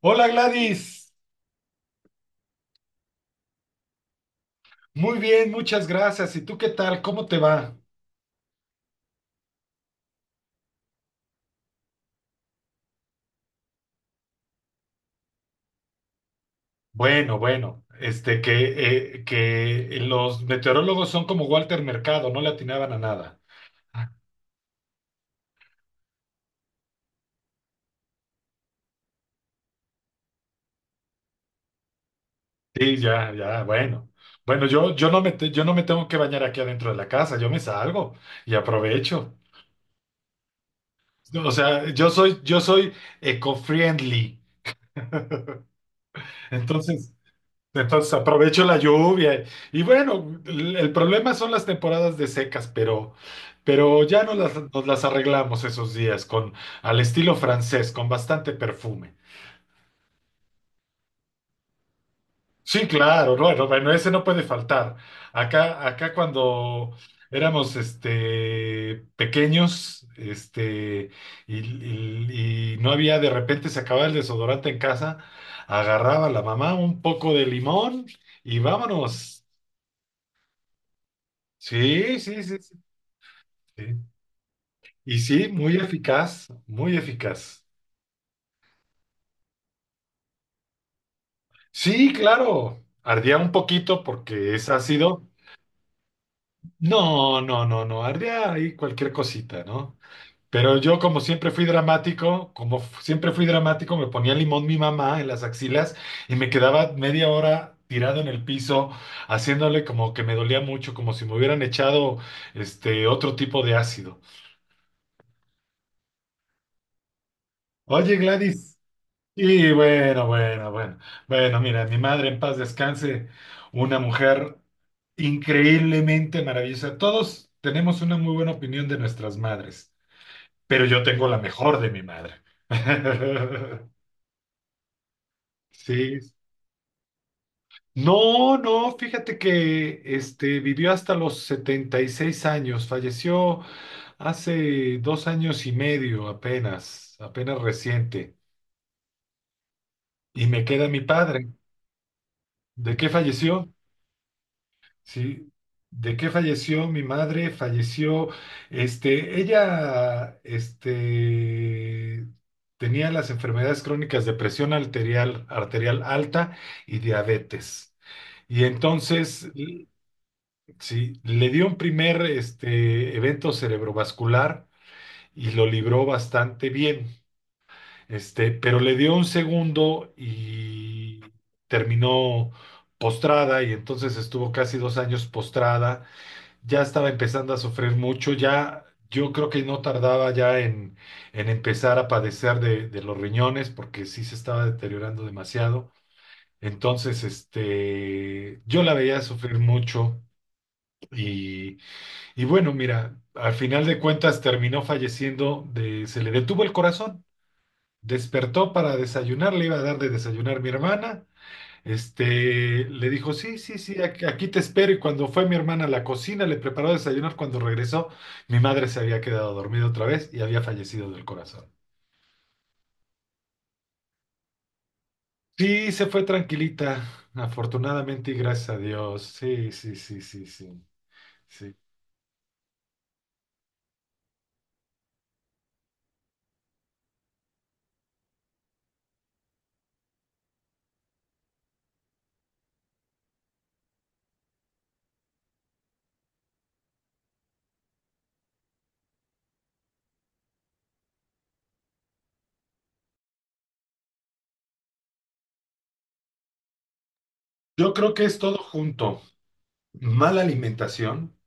Hola Gladys, muy bien, muchas gracias. ¿Y tú qué tal? ¿Cómo te va? Bueno, bueno, que los meteorólogos son como Walter Mercado, no le atinaban a nada. Sí, ya, ya, bueno. Bueno, yo no me tengo que bañar aquí adentro de la casa, yo me salgo y aprovecho. O sea, yo soy eco-friendly. Entonces, entonces aprovecho la lluvia. Y bueno, el problema son las temporadas de secas, pero ya nos las arreglamos esos días con al estilo francés, con bastante perfume. Sí, claro, bueno, bueno, ese no puede faltar. Acá cuando éramos pequeños, y no había de repente se acababa el desodorante en casa, agarraba la mamá un poco de limón y vámonos. Sí, sí, sí, sí. Sí. Y sí, muy eficaz, muy eficaz. Sí, claro, ardía un poquito porque es ácido. No, no, no, no, ardía ahí cualquier cosita, ¿no? Pero yo como siempre fui dramático, siempre fui dramático, me ponía limón mi mamá en las axilas y me quedaba media hora tirado en el piso, haciéndole como que me dolía mucho, como si me hubieran echado este otro tipo de ácido. Oye, Gladys. Y bueno, bueno, bueno. Bueno, mira, mi madre en paz descanse, una mujer increíblemente maravillosa. Todos tenemos una muy buena opinión de nuestras madres, pero yo tengo la mejor de mi madre. Sí. No, no, fíjate que vivió hasta los 76 años, falleció hace 2 años y medio apenas, apenas reciente. Y me queda mi padre. ¿De qué falleció? Sí. ¿De qué falleció mi madre? Falleció, ella, tenía las enfermedades crónicas de presión arterial, arterial alta y diabetes. Y entonces, sí, le dio un primer, evento cerebrovascular y lo libró bastante bien. Pero le dio un segundo y terminó postrada y entonces estuvo casi 2 años postrada. Ya estaba empezando a sufrir mucho, ya yo creo que no tardaba ya en empezar a padecer de los riñones porque sí se estaba deteriorando demasiado. Entonces, yo la veía sufrir mucho y, y bueno, mira, al final de cuentas terminó falleciendo de, se le detuvo el corazón, despertó para desayunar, le iba a dar de desayunar mi hermana. Le dijo, sí, sí, sí, aquí te espero. Y cuando fue mi hermana a la cocina, le preparó desayunar. Cuando regresó, mi madre se había quedado dormida otra vez y había fallecido del corazón. Sí, se fue tranquilita, afortunadamente y gracias a Dios. Sí, sí, sí, sí, sí, sí. Yo creo que es todo junto. Mala alimentación.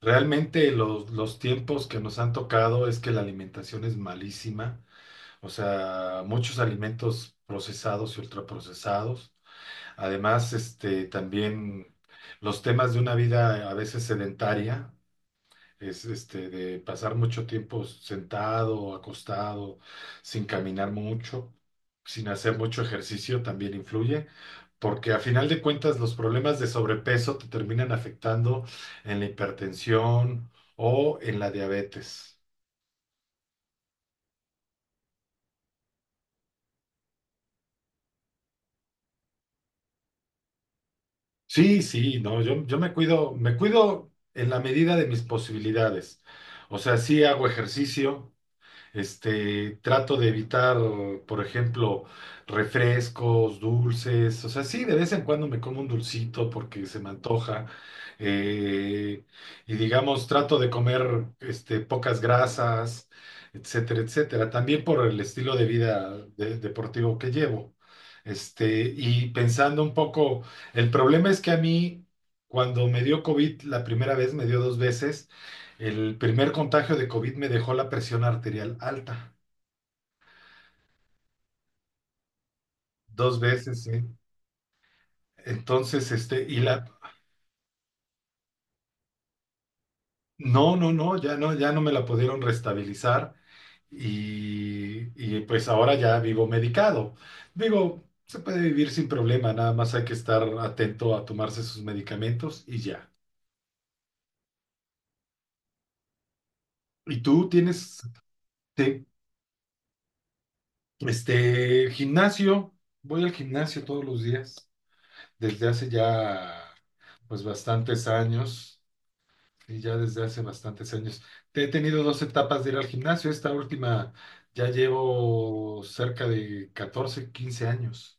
Realmente los tiempos que nos han tocado es que la alimentación es malísima. O sea, muchos alimentos procesados y ultraprocesados. Además, también los temas de una vida a veces sedentaria, es de pasar mucho tiempo sentado, acostado, sin caminar mucho, sin hacer mucho ejercicio, también influye, porque a final de cuentas los problemas de sobrepeso te terminan afectando en la hipertensión o en la diabetes. Sí, sí, no, yo me cuido en la medida de mis posibilidades. O sea, sí hago ejercicio. Trato de evitar, por ejemplo, refrescos, dulces. O sea, sí, de vez en cuando me como un dulcito porque se me antoja. eh, y digamos, trato de comer pocas grasas, etcétera, etcétera. También por el estilo de vida deportivo que llevo. Y pensando un poco, el problema es que a mí, cuando me dio COVID la primera vez, me dio dos veces. El primer contagio de COVID me dejó la presión arterial alta, dos veces, ¿sí? Entonces, no, no, no, ya no me la pudieron restabilizar y pues ahora ya vivo medicado. Digo, se puede vivir sin problema, nada más hay que estar atento a tomarse sus medicamentos y ya. ¿Y tú tienes te- gimnasio? Voy al gimnasio todos los días, desde hace ya pues bastantes años. Y ya desde hace bastantes años. He tenido dos etapas de ir al gimnasio. Esta última ya llevo cerca de 14 15 años.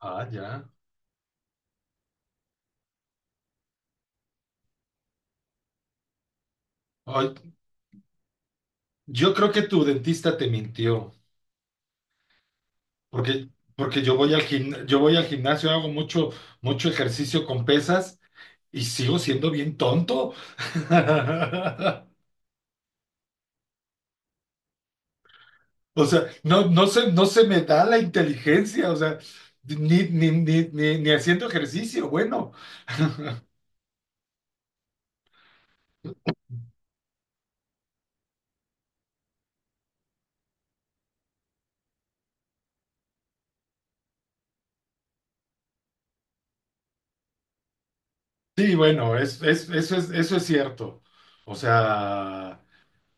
Ah, ya. Ay, yo creo que tu dentista te mintió, porque, porque yo voy al gimnasio, yo voy al gimnasio, hago mucho, mucho ejercicio con pesas y sigo siendo bien tonto. O sea, no, no se me da la inteligencia, o sea, ni, ni haciendo ejercicio, bueno. Sí, bueno, eso es cierto. O sea,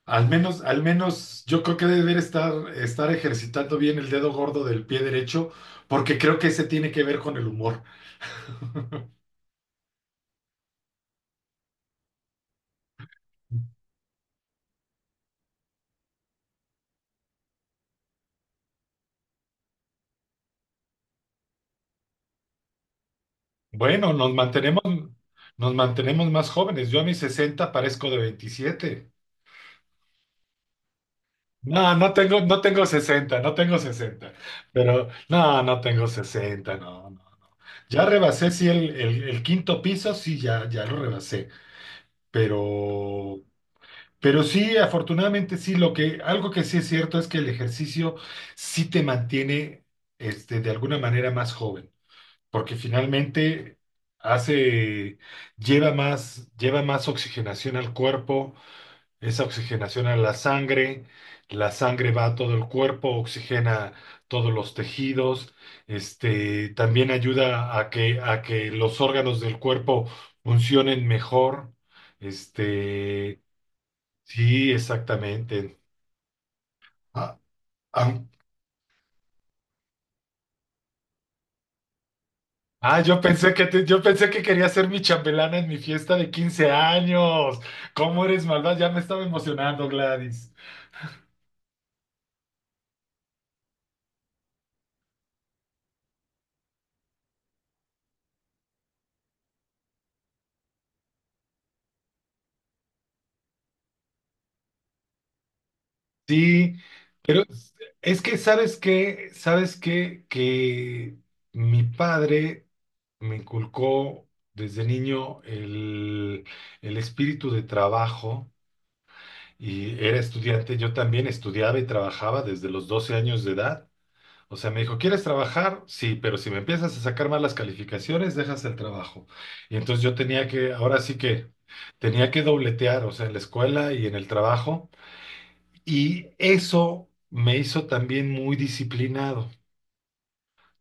al menos yo creo que debe de estar ejercitando bien el dedo gordo del pie derecho, porque creo que ese tiene que ver con el humor. Bueno, nos mantenemos más jóvenes. Yo a mis 60 parezco de 27. No, no tengo 60, no tengo sesenta. Pero, no, no tengo 60, no, no. Ya rebasé, sí, el quinto piso, sí, ya, ya lo rebasé. Pero pero sí, afortunadamente sí, algo que sí es cierto es que el ejercicio sí te mantiene, de alguna manera más joven, porque finalmente hace, lleva más oxigenación al cuerpo, esa oxigenación a la sangre va a todo el cuerpo, oxigena todos los tejidos, también ayuda a que los órganos del cuerpo funcionen mejor, este. Sí, exactamente. Ah, ah, ah, yo pensé que quería ser mi chambelana en mi fiesta de 15 años. ¿Cómo eres malvada? Ya me estaba emocionando, Gladys. Sí, pero es que sabes qué, que mi padre me inculcó desde niño el espíritu de trabajo y era estudiante. Yo también estudiaba y trabajaba desde los 12 años de edad. O sea, me dijo, ¿quieres trabajar? Sí, pero si me empiezas a sacar malas calificaciones, dejas el trabajo. Y entonces yo tenía que, ahora sí que, tenía que dobletear, o sea, en la escuela y en el trabajo. Y eso me hizo también muy disciplinado.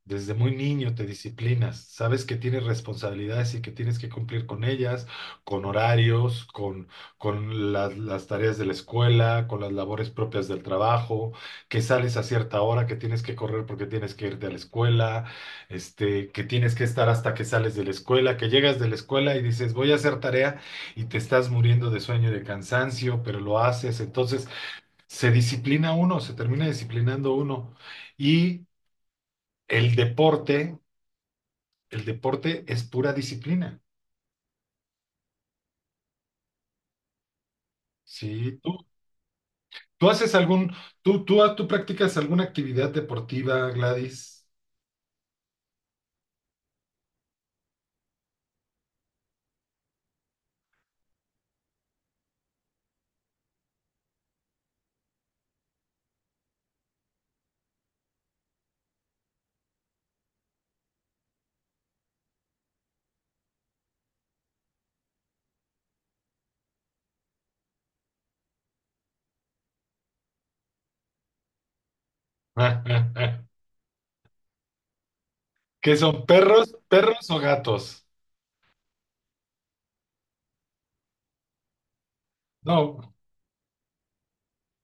Desde muy niño te disciplinas, sabes que tienes responsabilidades y que tienes que cumplir con ellas, con horarios, con las tareas de la escuela, con las labores propias del trabajo, que sales a cierta hora, que tienes que correr porque tienes que irte a la escuela, que tienes que estar hasta que sales de la escuela, que llegas de la escuela y dices voy a hacer tarea y te estás muriendo de sueño y de cansancio, pero lo haces. Entonces se disciplina uno, se termina disciplinando uno. Y el deporte. El deporte es pura disciplina. Sí, tú haces algún, tú, ah, tú practicas alguna actividad deportiva, Gladys. ¿Qué son perros o gatos? No,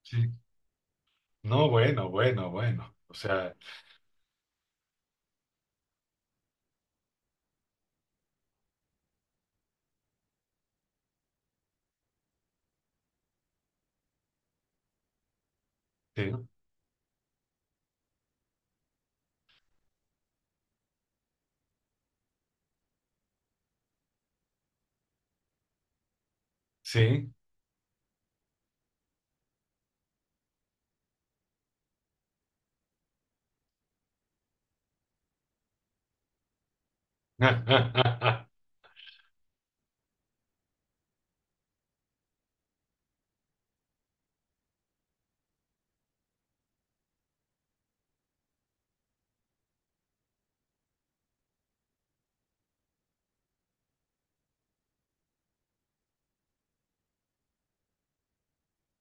sí. No, bueno, bueno, bueno. O sea, sí, sí.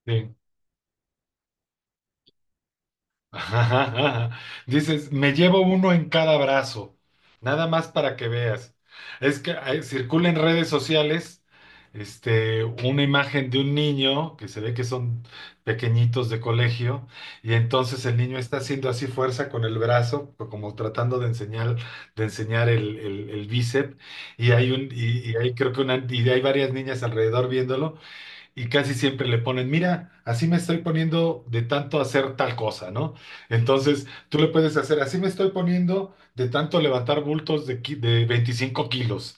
Sí. Dices, me llevo uno en cada brazo, nada más para que veas. Es que circula en redes sociales una imagen de un niño que se ve que son pequeñitos de colegio y entonces el niño está haciendo así fuerza con el brazo, como tratando de enseñar el bíceps y hay un, y hay creo que una, y hay varias niñas alrededor viéndolo y casi siempre le ponen, mira, así me estoy poniendo de tanto hacer tal cosa, ¿no? Entonces, tú le puedes hacer, así me estoy poniendo de tanto levantar bultos de 25 kilos.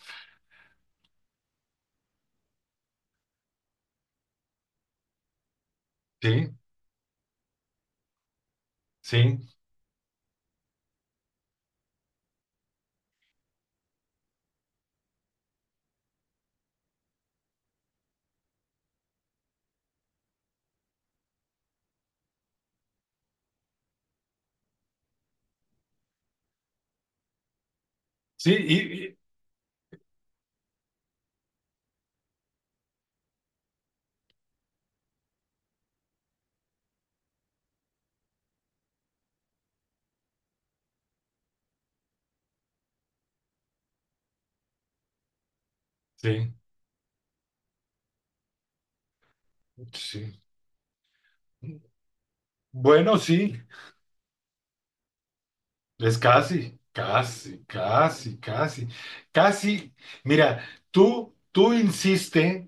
Sí, sí, sí, sí, sí. Bueno, sí, es casi, casi, casi, casi, casi. Mira, tú insistes.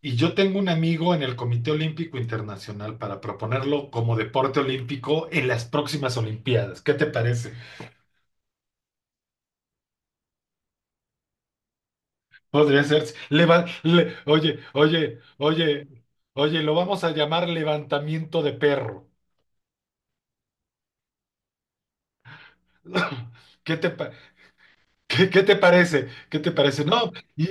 Y yo tengo un amigo en el Comité Olímpico Internacional para proponerlo como deporte olímpico en las próximas Olimpiadas. ¿Qué te parece? Podría ser. Oye, oye, oye, oye, lo vamos a llamar levantamiento de perro. ¿Qué te parece? ¿Qué te parece? ¿Qué te parece? No, y,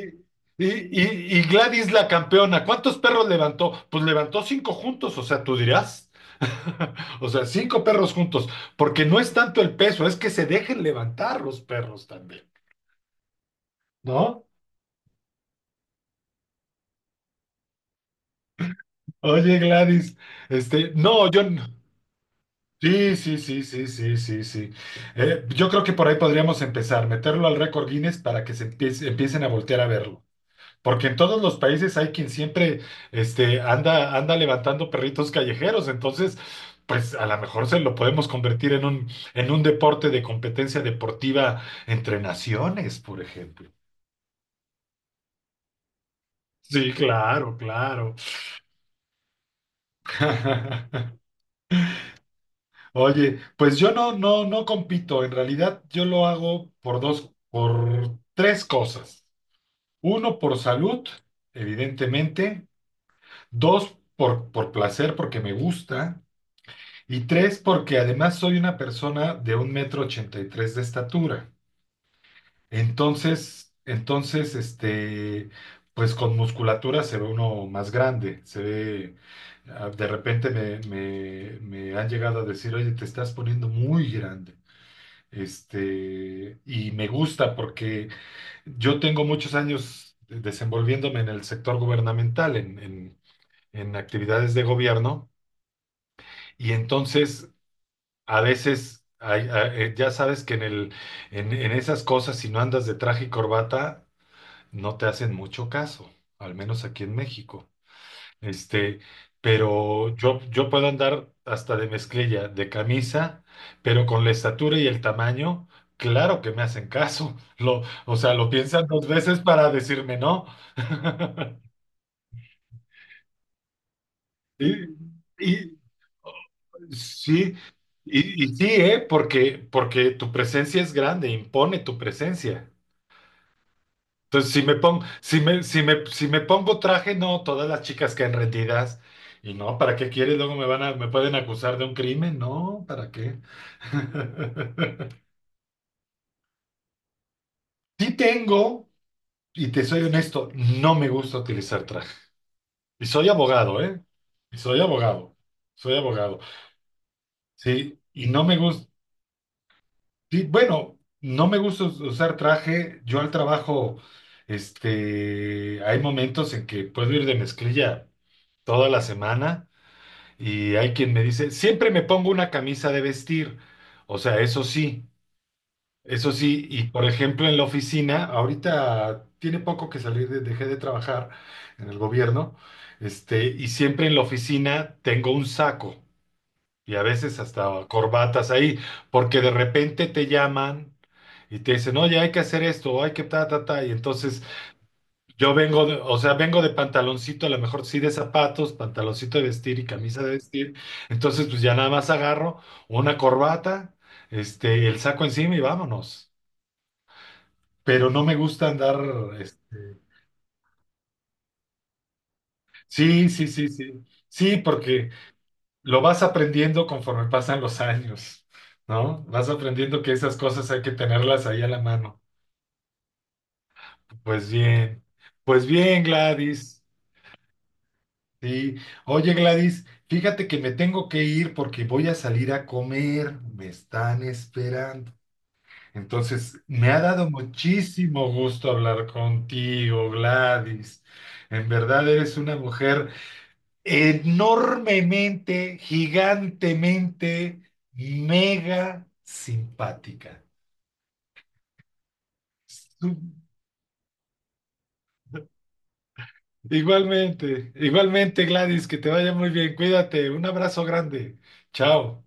y, y, y Gladys la campeona, ¿cuántos perros levantó? Pues levantó cinco juntos, o sea, tú dirás. O sea, cinco perros juntos, porque no es tanto el peso, es que se dejen levantar los perros también, ¿no? Oye, Gladys, no, yo no. Sí, sí, sí, sí, sí, sí, sí. Yo creo que por ahí podríamos empezar, meterlo al récord Guinness para que se empiecen a voltear a verlo. Porque en todos los países hay quien siempre anda levantando perritos callejeros, entonces, pues a lo mejor se lo podemos convertir en un deporte de competencia deportiva entre naciones, por ejemplo. Sí, claro, claro. Oye, pues yo no, no, no compito. En realidad, yo lo hago por dos, por tres cosas. Uno, por salud, evidentemente. Dos, por placer, porque me gusta. Y tres, porque además soy una persona de 1.83 m de estatura. Entonces, pues con musculatura se ve uno más grande. Se ve, ah, de repente me han llegado a decir, oye, te estás poniendo muy grande. Y me gusta porque yo tengo muchos años desenvolviéndome en el sector gubernamental, en, en actividades de gobierno. Y entonces a veces, ya sabes que en esas cosas, si no andas de traje y corbata, no te hacen mucho caso, al menos aquí en México. Este, pero yo puedo andar hasta de mezclilla, de camisa, pero con la estatura y el tamaño, claro que me hacen caso. O sea, lo piensan dos veces para decirme no. Y, y sí, y sí, ¿eh? Porque tu presencia es grande, impone tu presencia. Entonces, si me pongo, si me, si me, si me pongo traje, no, todas las chicas quedan rendidas. Y no, ¿para qué quieres? Luego me pueden acusar de un crimen. No, ¿para qué? Sí tengo, y te soy honesto, no me gusta utilizar traje. Y soy abogado, ¿eh? Y soy abogado. Soy abogado. Sí, y no me gusta, bueno, no me gusta usar traje. Yo al trabajo, hay momentos en que puedo ir de mezclilla toda la semana. Y hay quien me dice, siempre me pongo una camisa de vestir. O sea, eso sí, eso sí. Y por ejemplo, en la oficina, ahorita tiene poco que salir, dejé de trabajar en el gobierno, y siempre en la oficina tengo un saco y a veces hasta corbatas ahí, porque de repente te llaman y te dicen, oye, hay que hacer esto, o hay que ta, ta, ta. Y entonces yo o sea, vengo de pantaloncito, a lo mejor sí de zapatos, pantaloncito de vestir y camisa de vestir. Entonces, pues ya nada más agarro una corbata, el saco encima y vámonos. Pero no me gusta andar, este, sí, sí, sí, sí. Sí, porque lo vas aprendiendo conforme pasan los años, ¿no? Vas aprendiendo que esas cosas hay que tenerlas ahí a la mano. Pues bien, pues bien, Gladys. Sí, oye Gladys, fíjate que me tengo que ir porque voy a salir a comer, me están esperando. Entonces, me ha dado muchísimo gusto hablar contigo, Gladys. En verdad eres una mujer enormemente, gigantemente, mega simpática. Su- Igualmente, igualmente Gladys, que te vaya muy bien, cuídate, un abrazo grande, chao.